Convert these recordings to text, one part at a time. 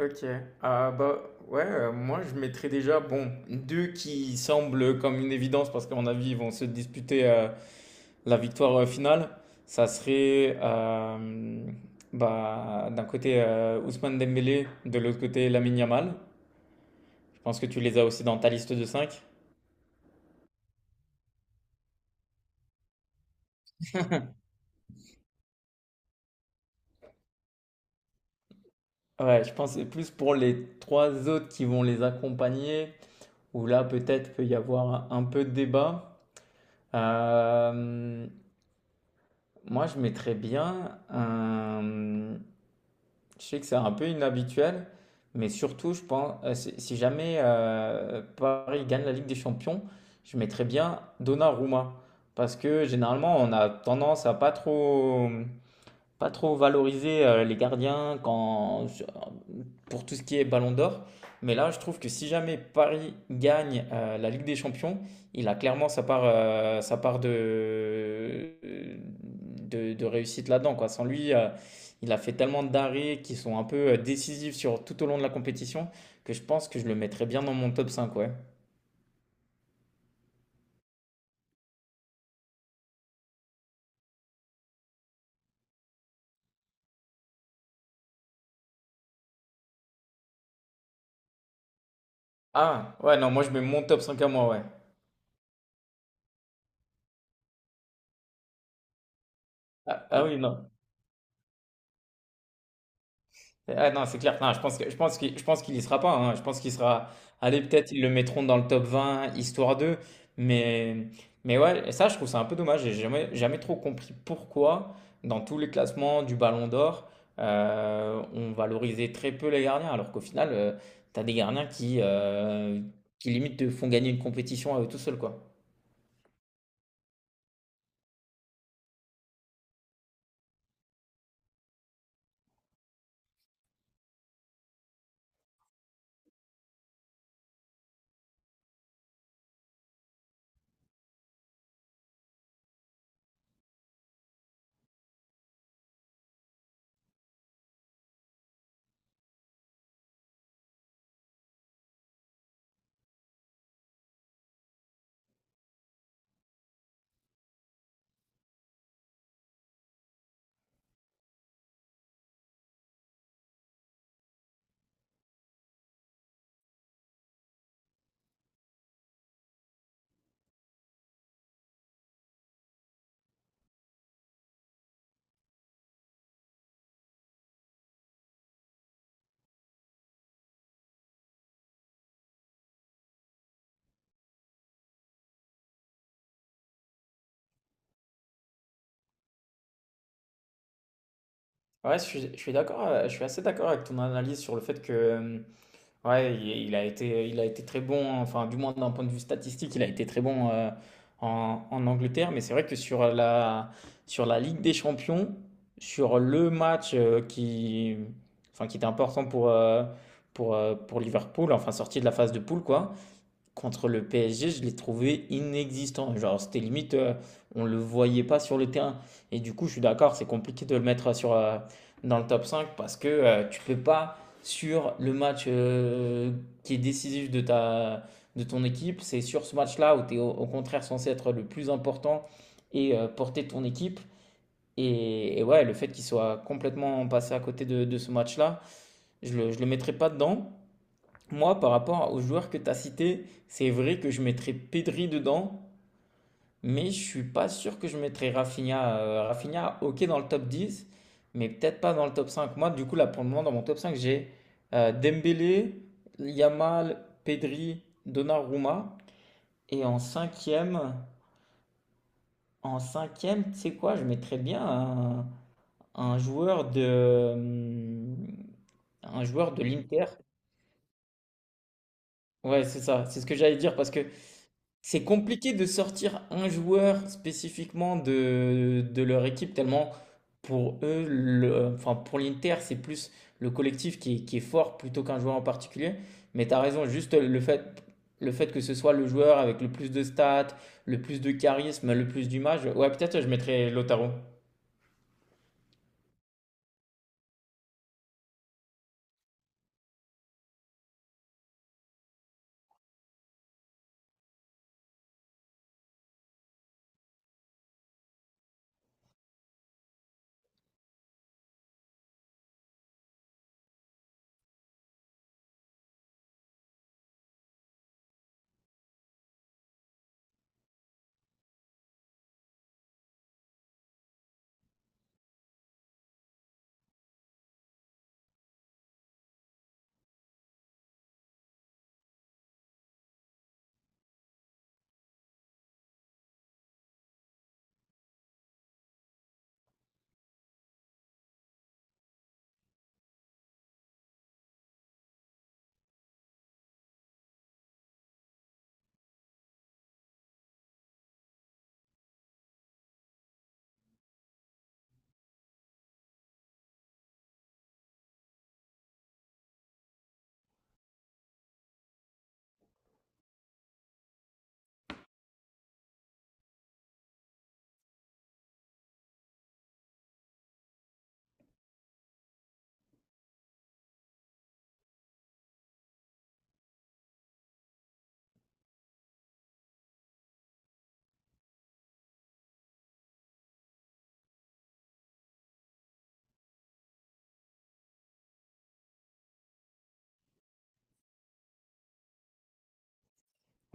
Ok, ah bah ouais, moi je mettrais déjà, bon, deux qui semblent comme une évidence parce qu'à mon avis ils vont se disputer la victoire finale. Ça serait d'un côté Ousmane Dembélé, de l'autre côté Lamine Yamal. Je pense que tu les as aussi dans ta liste de 5. Ouais, je pense que c'est plus pour les trois autres qui vont les accompagner, où là peut-être peut y avoir un peu de débat. Euh, Moi, je mettrais bien un... Je sais que c'est un peu inhabituel, mais surtout, je pense, si jamais Paris gagne la Ligue des Champions, je mettrais bien Donnarumma. Parce que généralement, on a tendance à pas trop valorisé les gardiens quand, pour tout ce qui est Ballon d'Or. Mais là, je trouve que si jamais Paris gagne la Ligue des Champions, il a clairement sa part de réussite là-dedans, quoi. Sans lui, il a fait tellement d'arrêts qui sont un peu décisifs sur, tout au long de la compétition que je pense que je le mettrais bien dans mon top 5 ouais. Ah, ouais, non, moi je mets mon top 5 à moi, ouais. Ah, ah oui, non. Ah non, c'est clair. Non, je pense qu'il y sera pas, hein. Je pense qu'il sera... Allez, peut-être ils le mettront dans le top 20 histoire d'eux. Mais, mais ouais, et ça, je trouve ça un peu dommage. J'ai jamais trop compris pourquoi, dans tous les classements du Ballon d'Or, on valorisait très peu les gardiens. Alors qu'au final, t'as des gardiens qui limite te font gagner une compétition à eux tout seuls, quoi. Ouais, je suis d'accord, je suis assez d'accord avec ton analyse sur le fait que, ouais, il a été, il a été très bon, enfin, du moins d'un point de vue statistique, il a été très bon en Angleterre. Mais c'est vrai que sur la Ligue des Champions, sur le match enfin, qui était important pour, pour Liverpool, enfin, sorti de la phase de poule, quoi, contre le PSG, je l'ai trouvé inexistant. Genre, c'était limite, on le voyait pas sur le terrain. Et du coup, je suis d'accord, c'est compliqué de le mettre sur, dans le top 5 parce que tu peux pas, sur le match qui est décisif de ta, de ton équipe, c'est sur ce match-là où tu es au, au contraire censé être le plus important et porter ton équipe. Et ouais, le fait qu'il soit complètement passé à côté de ce match-là, je le mettrai pas dedans. Moi, par rapport aux joueurs que tu as cités, c'est vrai que je mettrais Pedri dedans, mais je suis pas sûr que je mettrais Rafinha. Rafinha, ok, dans le top 10, mais peut-être pas dans le top 5. Moi, du coup, là, pour le moment, dans mon top 5, j'ai Dembélé, Yamal, Pedri, Donnarumma. Et en cinquième, tu sais quoi, je mettrais bien un joueur de, hum, un joueur de l'Inter. Ouais, c'est ça, c'est ce que j'allais dire, parce que c'est compliqué de sortir un joueur spécifiquement de leur équipe, tellement pour eux, le- enfin pour l'Inter, c'est plus le collectif qui est fort plutôt qu'un joueur en particulier. Mais tu as raison, le fait que ce soit le joueur avec le plus de stats, le plus de charisme, le plus d'image. Ouais, peut-être je mettrais Lautaro.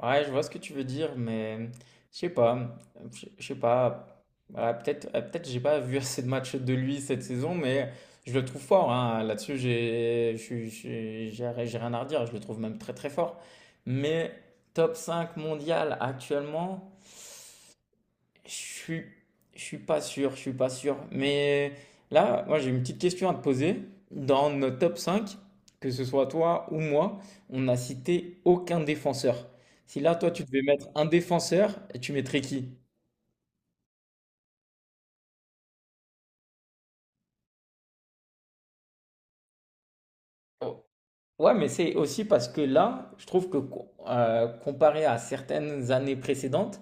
Ouais, je vois ce que tu veux dire, mais je sais pas, je sais pas. Voilà, peut-être j'ai pas vu assez de matchs de lui cette saison, mais je le trouve fort, hein. Là-dessus, j'ai, je suis- j'ai rien à redire. Je le trouve même très très fort. Mais top 5 mondial actuellement. Je suis, je suis pas sûr, je suis pas sûr. Mais là, moi j'ai une petite question à te poser. Dans notre top 5, que ce soit toi ou moi, on n'a cité aucun défenseur. Si là, toi, tu devais mettre un défenseur, tu mettrais qui? Oh. Ouais, mais c'est aussi parce que là, je trouve que comparé à certaines années précédentes,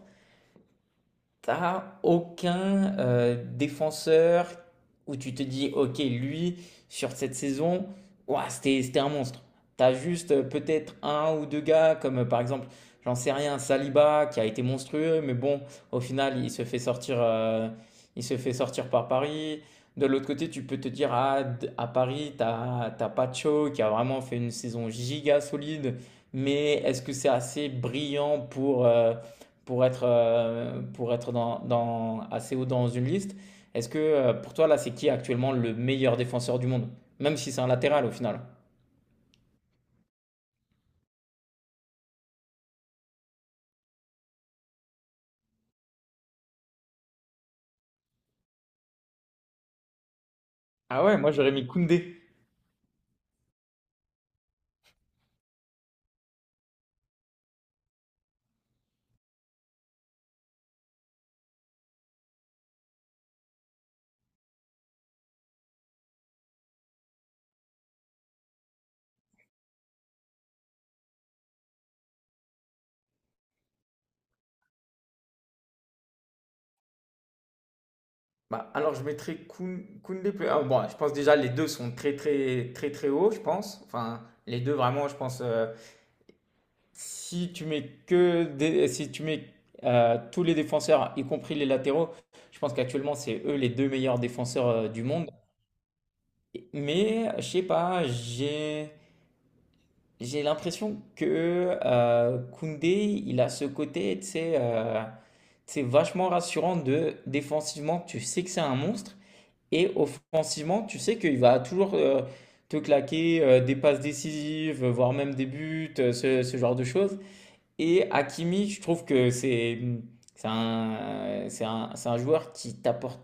t'as aucun défenseur où tu te dis, ok, lui, sur cette saison, ouah, c'était un monstre. T'as juste peut-être un ou deux gars, comme par exemple, j'en sais rien, Saliba, qui a été monstrueux, mais bon, au final, il se fait sortir par Paris. De l'autre côté, tu peux te dire, ah, à Paris, t'as Pacho, qui a vraiment fait une saison giga solide, mais est-ce que c'est assez brillant pour être assez haut dans une liste. Est-ce que pour toi, là, c'est qui actuellement le meilleur défenseur du monde? Même si c'est un latéral au final. Ah ouais, moi j'aurais mis Koundé. Bah, alors je mettrais Koundé plus. Ah, bon, je pense déjà les deux sont très très très très hauts, je pense. Enfin, les deux vraiment, je pense. Si tu mets que des- si tu mets tous les défenseurs, y compris les latéraux, je pense qu'actuellement c'est eux les deux meilleurs défenseurs du monde. Mais je sais pas, j'ai l'impression que Koundé, il a ce côté, tu sais, vachement rassurant de défensivement, tu sais que c'est un monstre, et offensivement, tu sais qu'il va toujours te claquer des passes décisives, voire même des buts, ce genre de choses. Et Hakimi, je trouve que c'est un joueur qui t'apporte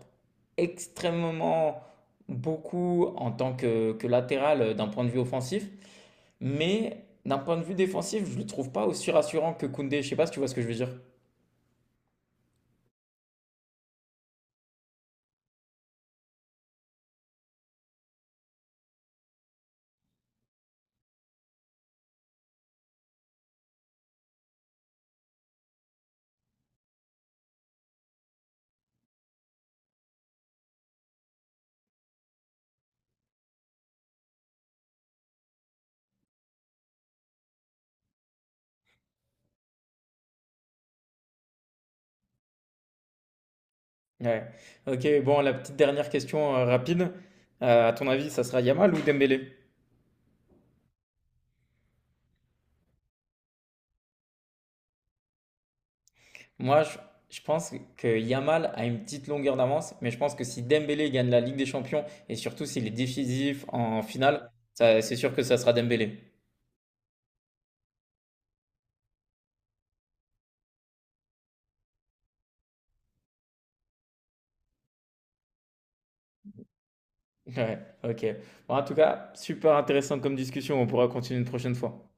extrêmement beaucoup en tant que latéral d'un point de vue offensif. Mais d'un point de vue défensif, je ne le trouve pas aussi rassurant que Koundé. Je sais pas si tu vois ce que je veux dire. Ouais. Ok, bon, la petite dernière question rapide. À ton avis, ça sera Yamal ou Dembélé? Moi, je, je pense que Yamal a une petite longueur d'avance, mais je pense que si Dembélé gagne la Ligue des Champions et surtout s'il est décisif en finale, c'est sûr que ça sera Dembélé. Ouais, ok. Bon, en tout cas, super intéressant comme discussion. On pourra continuer une prochaine fois.